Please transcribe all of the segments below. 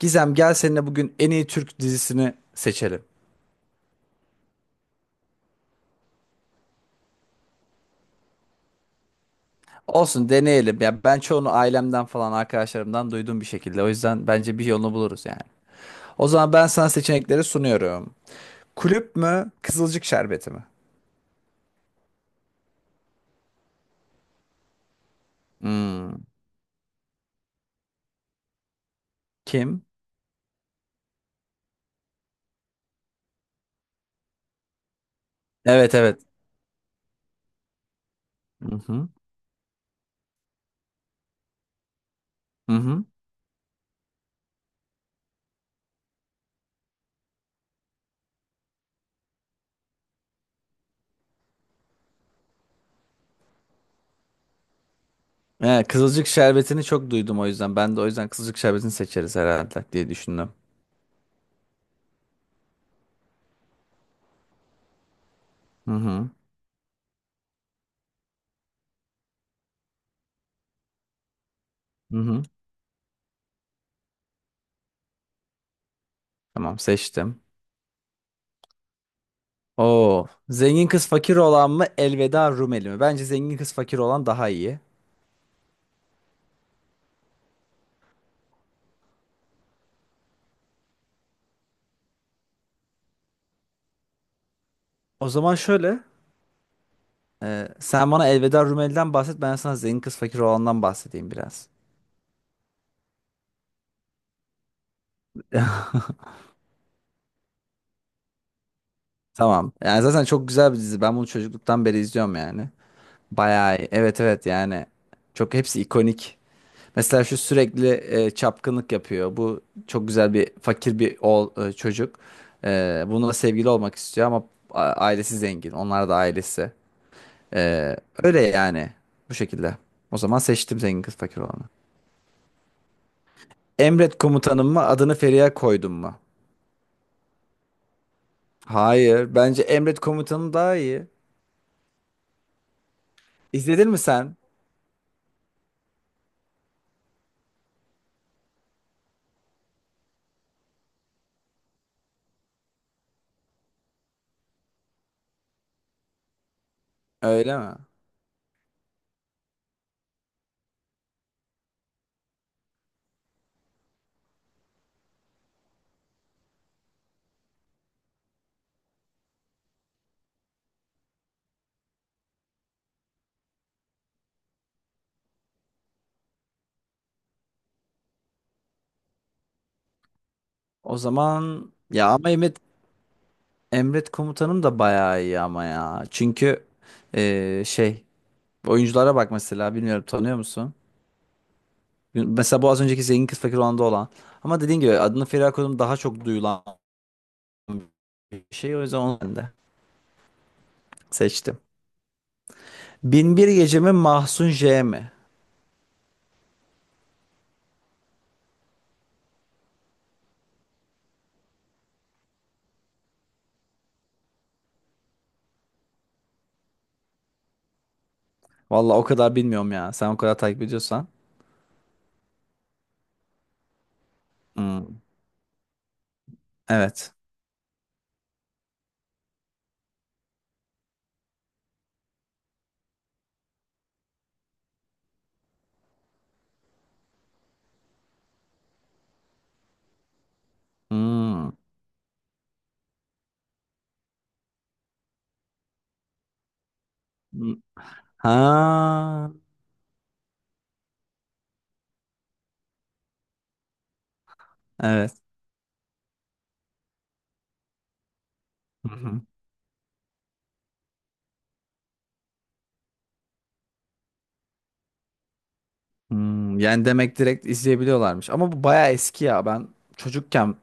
Gizem, gel seninle bugün en iyi Türk dizisini seçelim. Olsun, deneyelim. Ya ben çoğunu ailemden falan arkadaşlarımdan duyduğum bir şekilde. O yüzden bence bir yolunu buluruz yani. O zaman ben sana seçenekleri sunuyorum. Kulüp mü, Kızılcık Şerbeti mi? Hmm. Kim? Evet, evet. Hı hı. Hı hı. Evet, Kızılcık Şerbeti'ni çok duydum o yüzden. Ben de o yüzden Kızılcık Şerbeti'ni seçeriz herhalde diye düşündüm. Hı hı. Hı hı. Tamam, seçtim. Oo. Zengin kız fakir olan mı, Elveda Rumeli mi? Bence zengin kız fakir olan daha iyi. O zaman şöyle. Sen bana Elveda Rumeli'den bahset. Ben sana zengin kız fakir olandan bahsedeyim biraz. Tamam. Yani zaten çok güzel bir dizi. Ben bunu çocukluktan beri izliyorum yani. Bayağı iyi. Evet, evet yani. Çok hepsi ikonik. Mesela şu sürekli çapkınlık yapıyor. Bu çok güzel bir fakir bir oğul, çocuk. Bununla sevgili olmak istiyor ama ailesi zengin. Onlar da ailesi. Ee, Öyle yani. Bu şekilde. O zaman seçtim zengin kız fakir olanı. Emret Komutanım mı, adını Feriha Koydum mu? Hayır. Bence Emret Komutanım daha iyi. İzledin mi sen? Öyle mi? O zaman ya ama Emret, Emret Komutanım da bayağı iyi ama ya. Çünkü ee, şey oyunculara bak mesela, bilmiyorum, tanıyor musun? Mesela bu az önceki zengin kız fakir olanda olan. Ama dediğin gibi adını Feriha Koydum daha çok duyulan bir şey. O yüzden onu ben de seçtim. Binbir Gece mi, Mahsun J mi? Vallahi o kadar bilmiyorum ya. Sen o kadar takip ediyorsan. Hmm. Evet. Hmm. Hmm. Ha. Evet. Hı hı. Hmm. Yani demek direkt izleyebiliyorlarmış. Ama bu bayağı eski ya. Ben çocukken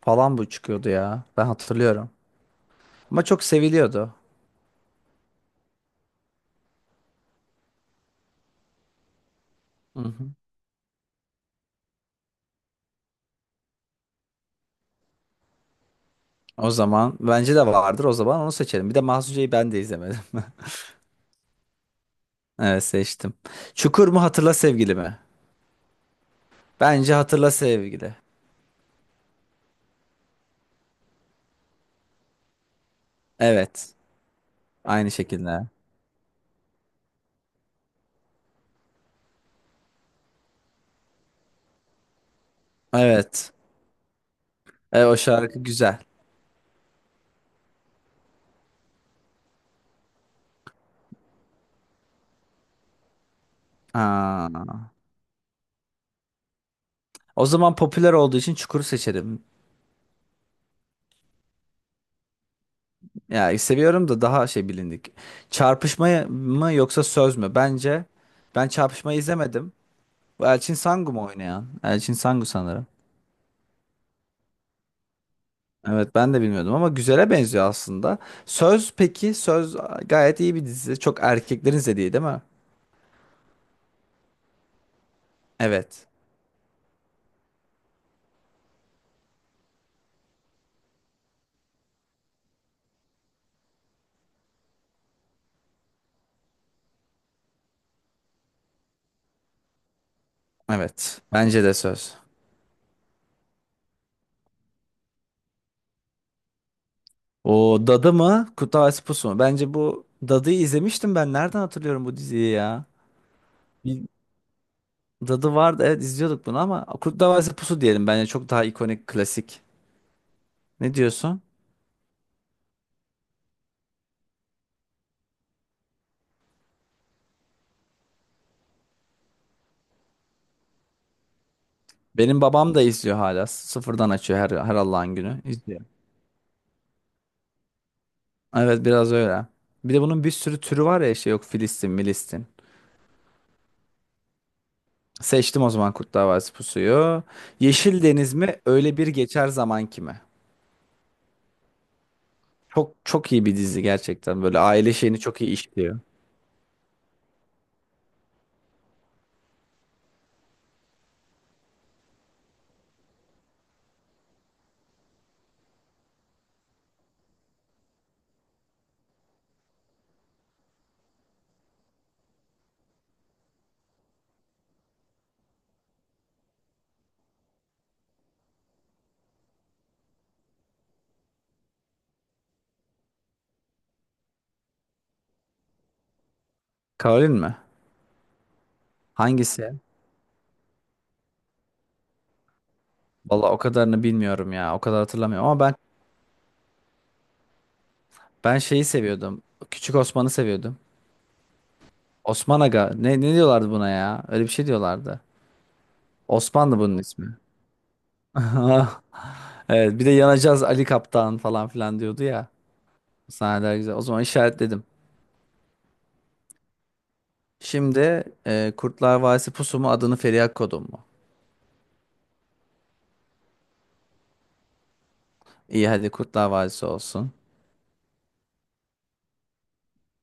falan bu çıkıyordu ya. Ben hatırlıyorum. Ama çok seviliyordu. Hı hı. O zaman bence de vardır. O zaman onu seçelim. Bir de Mahsun J'yi ben de izlemedim. Evet, seçtim. Çukur mu, Hatırla Sevgili mi? Bence Hatırla Sevgili. Evet. Aynı şekilde. Evet. E, o şarkı güzel. Aa. O zaman popüler olduğu için Çukur'u seçerim. Yani seviyorum da daha şey bilindik. Çarpışma mı yoksa Söz mü? Bence ben Çarpışma'yı izlemedim. Bu Elçin Sangu mu oynayan? Elçin Sangu sanırım. Evet, ben de bilmiyordum ama güzele benziyor aslında. Söz, peki Söz gayet iyi bir dizi. Çok erkeklerin izlediği değil mi? Evet. Evet. Bence de Söz. O Dadı mı, Kurtlar Vadisi Pusu mu? Bence bu Dadı'yı izlemiştim ben. Nereden hatırlıyorum bu diziyi ya? Bir dadı vardı, evet izliyorduk bunu, ama Kurtlar Vadisi Pusu diyelim, bence çok daha ikonik, klasik. Ne diyorsun? Benim babam da izliyor hala. Sıfırdan açıyor her Allah'ın günü. İzliyor. Evet, biraz öyle. Bir de bunun bir sürü türü var ya, işte yok Filistin, Milistin. Seçtim o zaman Kurtlar Vadisi Pusu'yu. Yeşil Deniz mi? Öyle Bir Geçer Zaman kimi? Çok çok iyi bir dizi gerçekten. Böyle aile şeyini çok iyi işliyor. Karolin mi? Hangisi? Valla o kadarını bilmiyorum ya. O kadar hatırlamıyorum ama ben, ben şeyi seviyordum. Küçük Osman'ı seviyordum. Osman Aga. Ne, ne diyorlardı buna ya? Öyle bir şey diyorlardı. Osman'dı bunun ismi. Evet, bir de yanacağız Ali Kaptan falan filan diyordu ya. Sahneler güzel. O zaman işaretledim. Şimdi Kurtlar Vadisi Pusu mu, adını Feriha Kodum mu? İyi, hadi Kurtlar Vadisi olsun.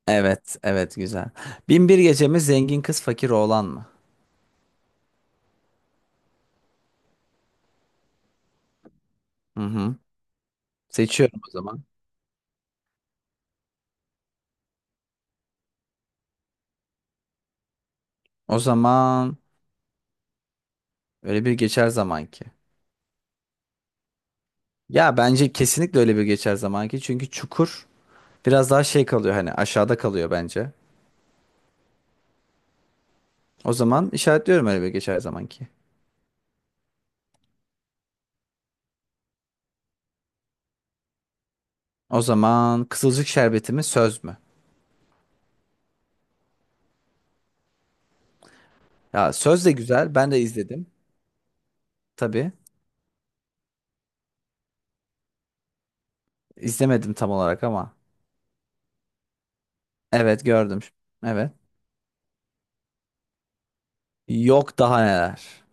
Evet, evet güzel. Bin Bir Gece mi, zengin kız fakir oğlan mı? Hı hı. Seçiyorum o zaman. O zaman öyle bir geçer zaman ki. Ya bence kesinlikle Öyle Bir Geçer zamanki. Çünkü Çukur biraz daha şey kalıyor, hani aşağıda kalıyor bence. O zaman işaretliyorum Öyle Bir Geçer zamanki. O zaman Kızılcık Şerbeti mi, Söz mü? Ya Söz de güzel. Ben de izledim. Tabii. İzlemedim tam olarak ama. Evet, gördüm. Evet. Yok daha neler.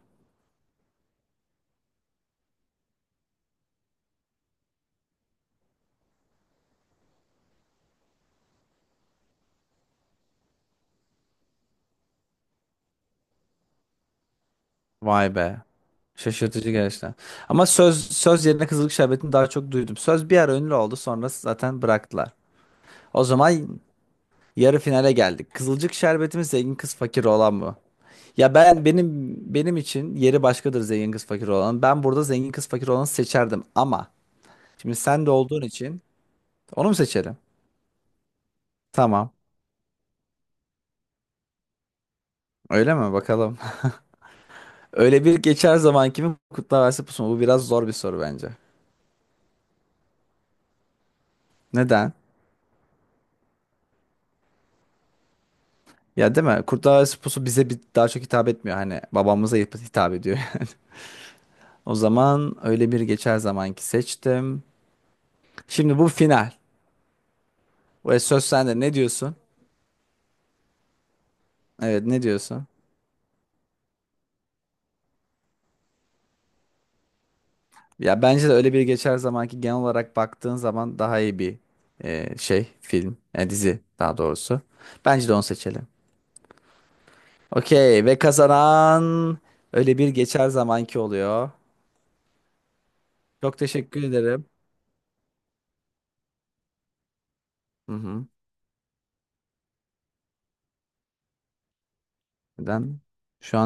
Vay be. Şaşırtıcı gerçekten. Ama söz, söz yerine Kızılcık Şerbeti'ni daha çok duydum. Söz bir ara ünlü oldu, sonra zaten bıraktılar. O zaman yarı finale geldik. Kızılcık Şerbeti mi, zengin kız fakir olan mı? Ya ben, benim için yeri başkadır zengin kız fakir olan. Ben burada zengin kız fakir olanı seçerdim ama şimdi sen de olduğun için onu mu seçelim? Tamam. Öyle mi? Bakalım. Öyle Bir Geçer Zaman kimin Kurtlar Vadisi Pusu mu? Bu biraz zor bir soru bence. Neden? Ya değil mi? Kurtlar Vadisi Pusu bize bir daha çok hitap etmiyor. Hani babamıza hitap ediyor. O zaman Öyle Bir Geçer zamanki seçtim. Şimdi bu final. Ve söz sende. Ne diyorsun? Evet, ne diyorsun? Ya bence de Öyle Bir Geçer zamanki genel olarak baktığın zaman daha iyi bir film, dizi daha doğrusu. Bence de onu seçelim. Okey, ve kazanan Öyle Bir Geçer zamanki oluyor. Çok teşekkür ederim. Hı hı. Neden? Şu an